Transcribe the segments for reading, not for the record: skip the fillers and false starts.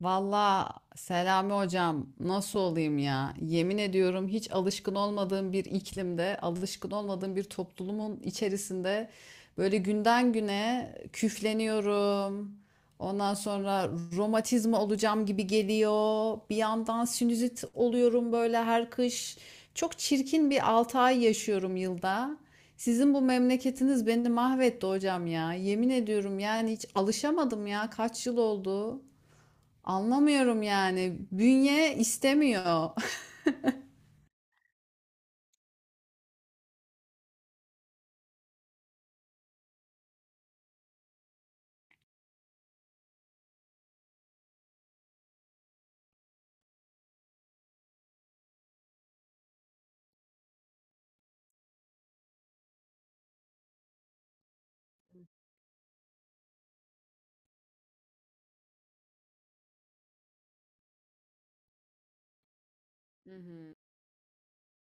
Valla, Selami hocam, nasıl olayım ya? Yemin ediyorum, hiç alışkın olmadığım bir iklimde, alışkın olmadığım bir toplumun içerisinde böyle günden güne küfleniyorum. Ondan sonra romatizma olacağım gibi geliyor. Bir yandan sinüzit oluyorum böyle her kış. Çok çirkin bir 6 ay yaşıyorum yılda. Sizin bu memleketiniz beni mahvetti hocam ya. Yemin ediyorum yani hiç alışamadım ya. Kaç yıl oldu? Anlamıyorum yani. Bünye istemiyor. Hı hı.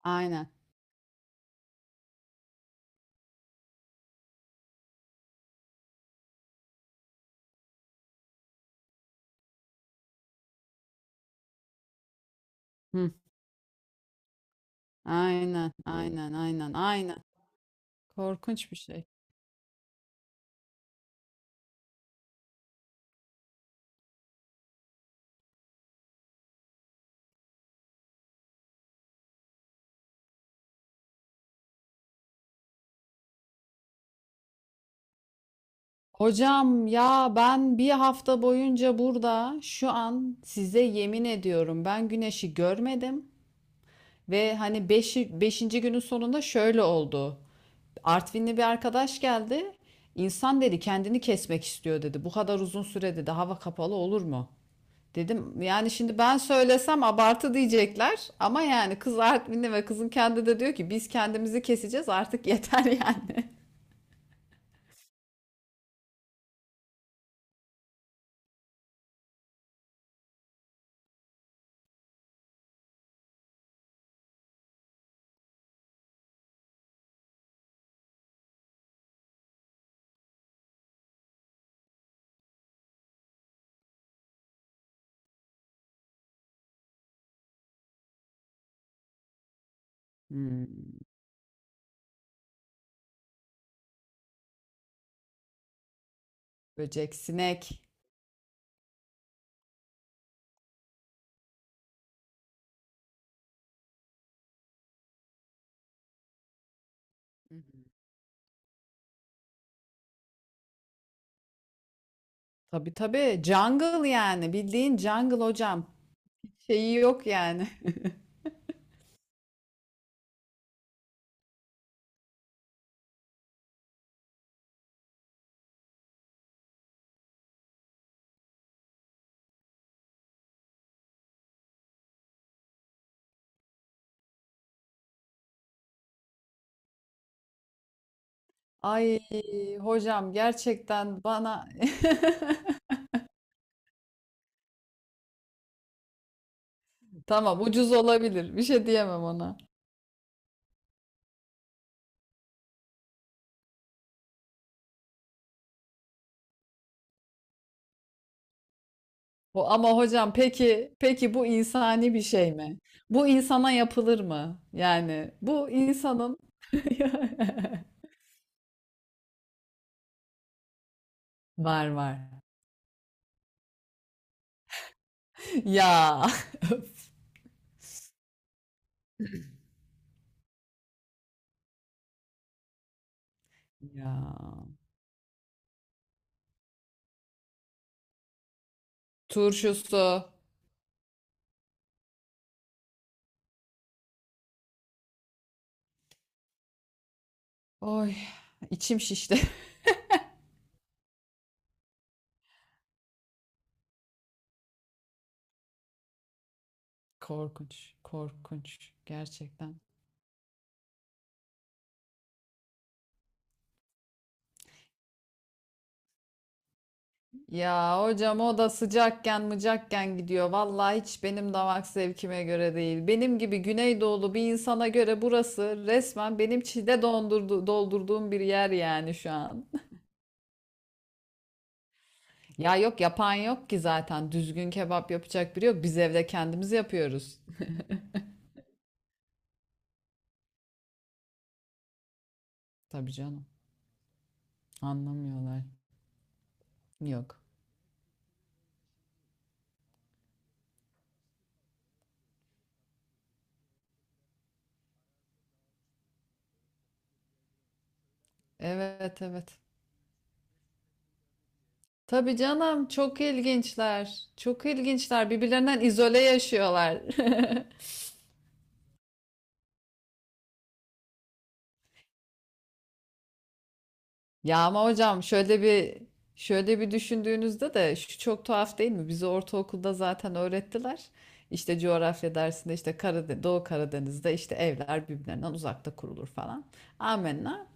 Aynen. Hı. Aynen, aynen, aynen, aynen. Korkunç bir şey. Hocam ya, ben bir hafta boyunca burada şu an size yemin ediyorum, ben güneşi görmedim. Ve hani 5. günün sonunda şöyle oldu. Artvinli bir arkadaş geldi. İnsan dedi kendini kesmek istiyor dedi. Bu kadar uzun süre dedi hava kapalı olur mu? Dedim yani şimdi ben söylesem abartı diyecekler ama yani kız Artvinli ve kızın kendi de diyor ki biz kendimizi keseceğiz artık yeter yani. Hmm. Böcek, sinek. Hı hı. Tabii tabii, jungle yani, bildiğin jungle hocam. Şeyi yok yani. Ay hocam, gerçekten bana tamam, ucuz olabilir, bir şey diyemem ona. Bu ama hocam, peki peki, bu insani bir şey mi? Bu insana yapılır mı? Yani bu insanın var var. Ya ya turşusu. Oy, içim şişti. Korkunç, korkunç gerçekten. Ya hocam, o da sıcakken mıcakken gidiyor. Vallahi hiç benim damak zevkime göre değil. Benim gibi Güneydoğulu bir insana göre burası resmen benim çile dondurdu, doldurduğum bir yer yani şu an. Ya yok, yapan yok ki zaten. Düzgün kebap yapacak biri yok. Biz evde kendimiz yapıyoruz. Tabii canım. Anlamıyorlar. Yok. Evet evet. Tabii canım, çok ilginçler. Çok ilginçler. Birbirlerinden izole yaşıyorlar. Ya ama hocam, şöyle bir düşündüğünüzde de şu çok tuhaf değil mi? Bizi ortaokulda zaten öğrettiler. İşte coğrafya dersinde işte Karadeniz, Doğu Karadeniz'de işte evler birbirlerinden uzakta kurulur falan. Amenna.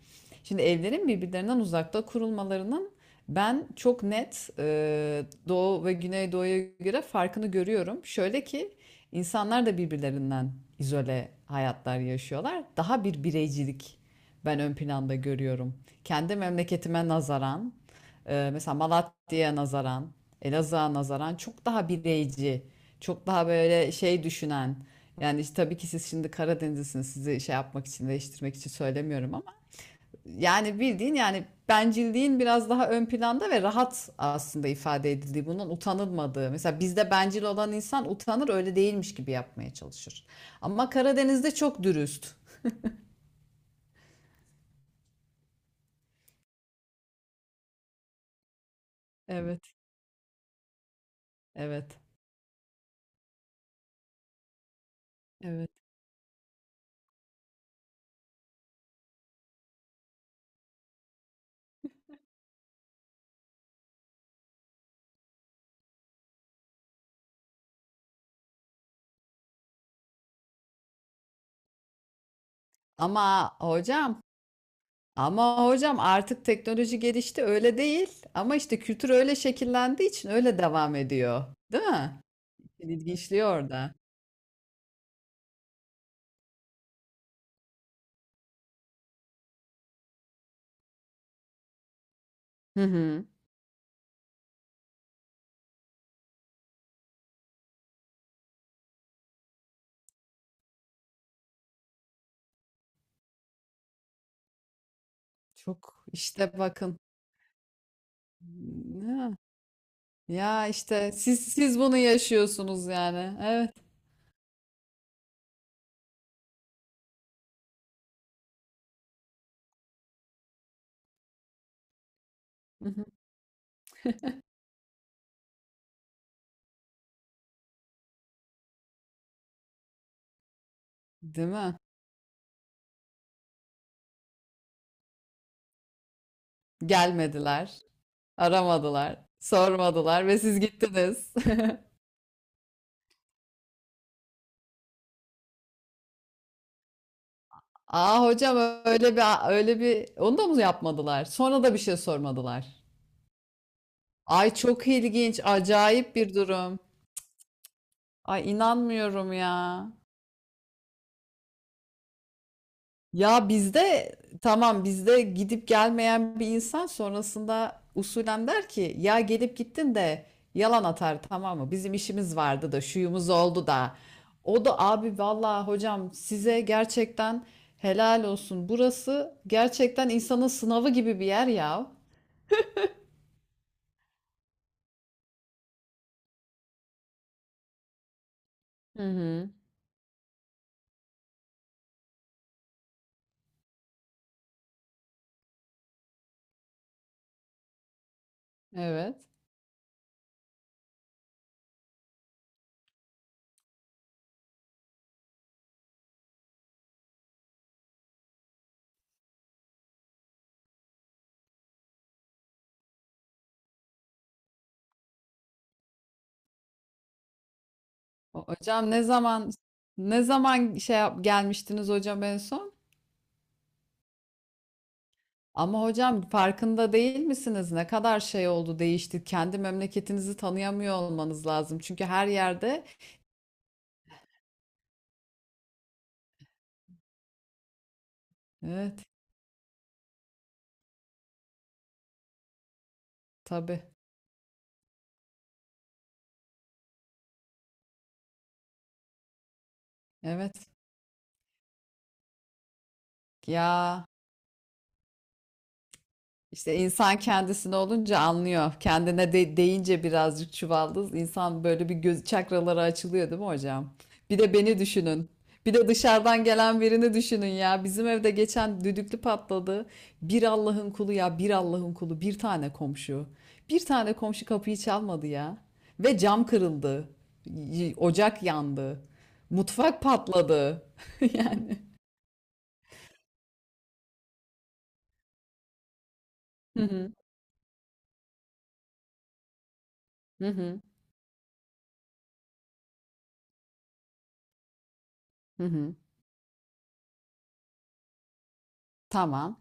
Şimdi evlerin birbirlerinden uzakta kurulmalarının ben çok net Doğu ve Güneydoğu'ya göre farkını görüyorum. Şöyle ki insanlar da birbirlerinden izole hayatlar yaşıyorlar. Daha bir bireycilik ben ön planda görüyorum. Kendi memleketime nazaran, mesela Malatya'ya nazaran, Elazığ'a nazaran çok daha bireyci, çok daha böyle şey düşünen. Yani işte tabii ki siz şimdi Karadenizlisiniz, sizi şey yapmak için, değiştirmek için söylemiyorum ama yani bildiğin yani bencilliğin biraz daha ön planda ve rahat aslında ifade edildiği, bunun utanılmadığı. Mesela bizde bencil olan insan utanır, öyle değilmiş gibi yapmaya çalışır. Ama Karadeniz'de çok dürüst. Evet, Evet. evet. Ama hocam, ama hocam, artık teknoloji gelişti, öyle değil. Ama işte kültür öyle şekillendiği için öyle devam ediyor. Değil mi? İlginçliği orada. Hı hı. Çok işte bakın. Ya işte siz bunu yaşıyorsunuz yani. Evet. Hı hı. Değil mi? Gelmediler, aramadılar, sormadılar ve siz gittiniz. Aa hocam, öyle bir öyle bir onu da mı yapmadılar? Sonra da bir şey sormadılar. Ay çok ilginç, acayip bir durum. Ay, inanmıyorum ya. Ya bizde, tamam, bizde gidip gelmeyen bir insan sonrasında usulen der ki ya gelip gittin de yalan atar tamam mı? Bizim işimiz vardı da şuyumuz oldu da. O da abi, vallahi hocam size gerçekten helal olsun. Burası gerçekten insanın sınavı gibi bir yer ya. Hı hı. Evet. Hocam ne zaman şey yap, gelmiştiniz hocam en son? Ama hocam farkında değil misiniz? Ne kadar şey oldu, değişti. Kendi memleketinizi tanıyamıyor olmanız lazım. Çünkü her yerde evet, tabii. Evet. Ya, İşte insan kendisine olunca anlıyor. Kendine de deyince birazcık çuvaldız. İnsan böyle bir göz çakraları açılıyor değil mi hocam? Bir de beni düşünün. Bir de dışarıdan gelen birini düşünün ya. Bizim evde geçen düdüklü patladı. Bir Allah'ın kulu ya, bir Allah'ın kulu. Bir tane komşu. Bir tane komşu kapıyı çalmadı ya. Ve cam kırıldı. Ocak yandı. Mutfak patladı. Yani. Hı hı hı hı. hı hı. Tamam.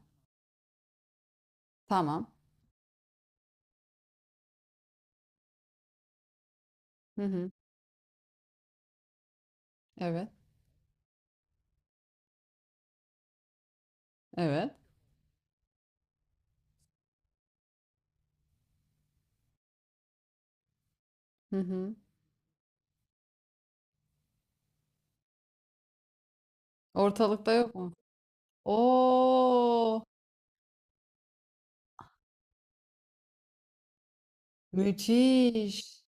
Tamam. Hı hı. Evet. Evet. Hı hı. Ortalıkta yok mu? Oo, müthiş.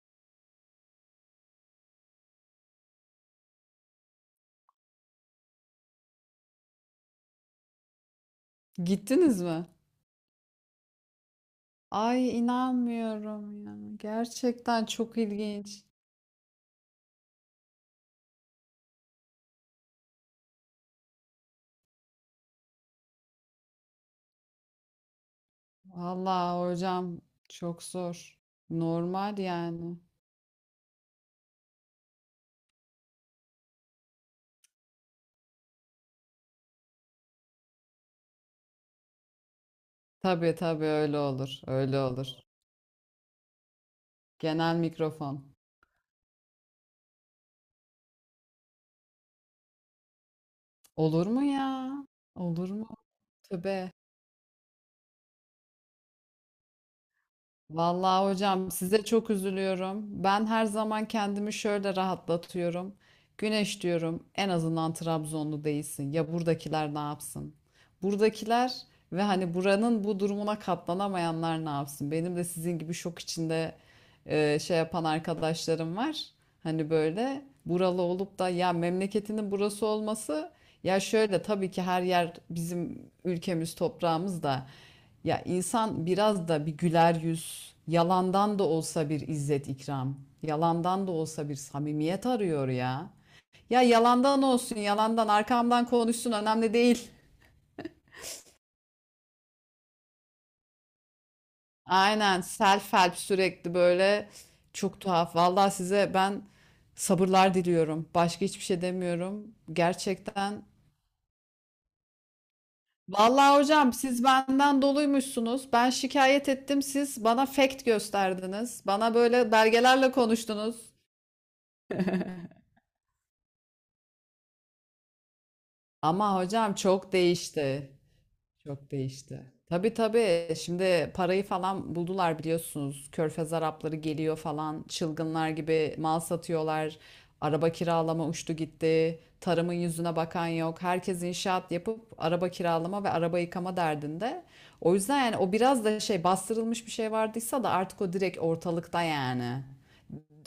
Gittiniz mi? Ay, inanmıyorum ya. Gerçekten çok ilginç. Vallahi hocam, çok zor. Normal yani. Tabii tabii, öyle olur. Öyle olur. Genel mikrofon. Olur mu ya? Olur mu? Tövbe. Vallahi hocam, size çok üzülüyorum. Ben her zaman kendimi şöyle rahatlatıyorum. Güneş diyorum, en azından Trabzonlu değilsin. Ya buradakiler ne yapsın? Buradakiler ve hani buranın bu durumuna katlanamayanlar ne yapsın? Benim de sizin gibi şok içinde şey yapan arkadaşlarım var. Hani böyle buralı olup da ya memleketinin burası olması ya şöyle tabii ki her yer bizim ülkemiz toprağımız da. Ya insan biraz da bir güler yüz, yalandan da olsa bir izzet ikram, yalandan da olsa bir samimiyet arıyor ya. Ya yalandan olsun, yalandan arkamdan konuşsun, önemli değil. Aynen, self help, sürekli böyle çok tuhaf. Vallahi size ben sabırlar diliyorum. Başka hiçbir şey demiyorum. Gerçekten. Vallahi hocam, siz benden doluymuşsunuz. Ben şikayet ettim. Siz bana fact gösterdiniz. Bana böyle belgelerle konuştunuz. Ama hocam çok değişti. Çok değişti. Tabii tabii. Şimdi parayı falan buldular biliyorsunuz. Körfez Arapları geliyor falan. Çılgınlar gibi mal satıyorlar. Araba kiralama uçtu gitti. Tarımın yüzüne bakan yok. Herkes inşaat yapıp araba kiralama ve araba yıkama derdinde. O yüzden yani o biraz da şey bastırılmış bir şey vardıysa da artık o direkt ortalıkta yani.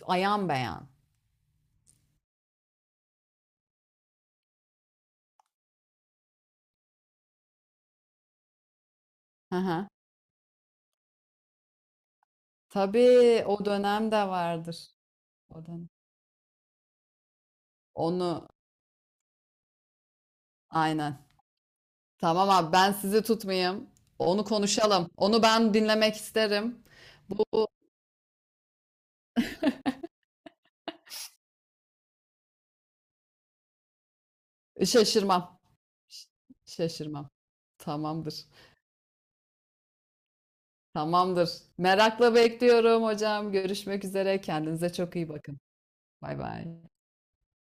Ayan beyan. Hı hı. Tabii o dönem de vardır. O dönem. Onu aynen. Tamam abi, ben sizi tutmayayım. Onu konuşalım. Onu ben dinlemek isterim. Bu şaşırmam. Ş- Şaşırmam. Tamamdır. Tamamdır. Merakla bekliyorum hocam. Görüşmek üzere. Kendinize çok iyi bakın. Bay bay.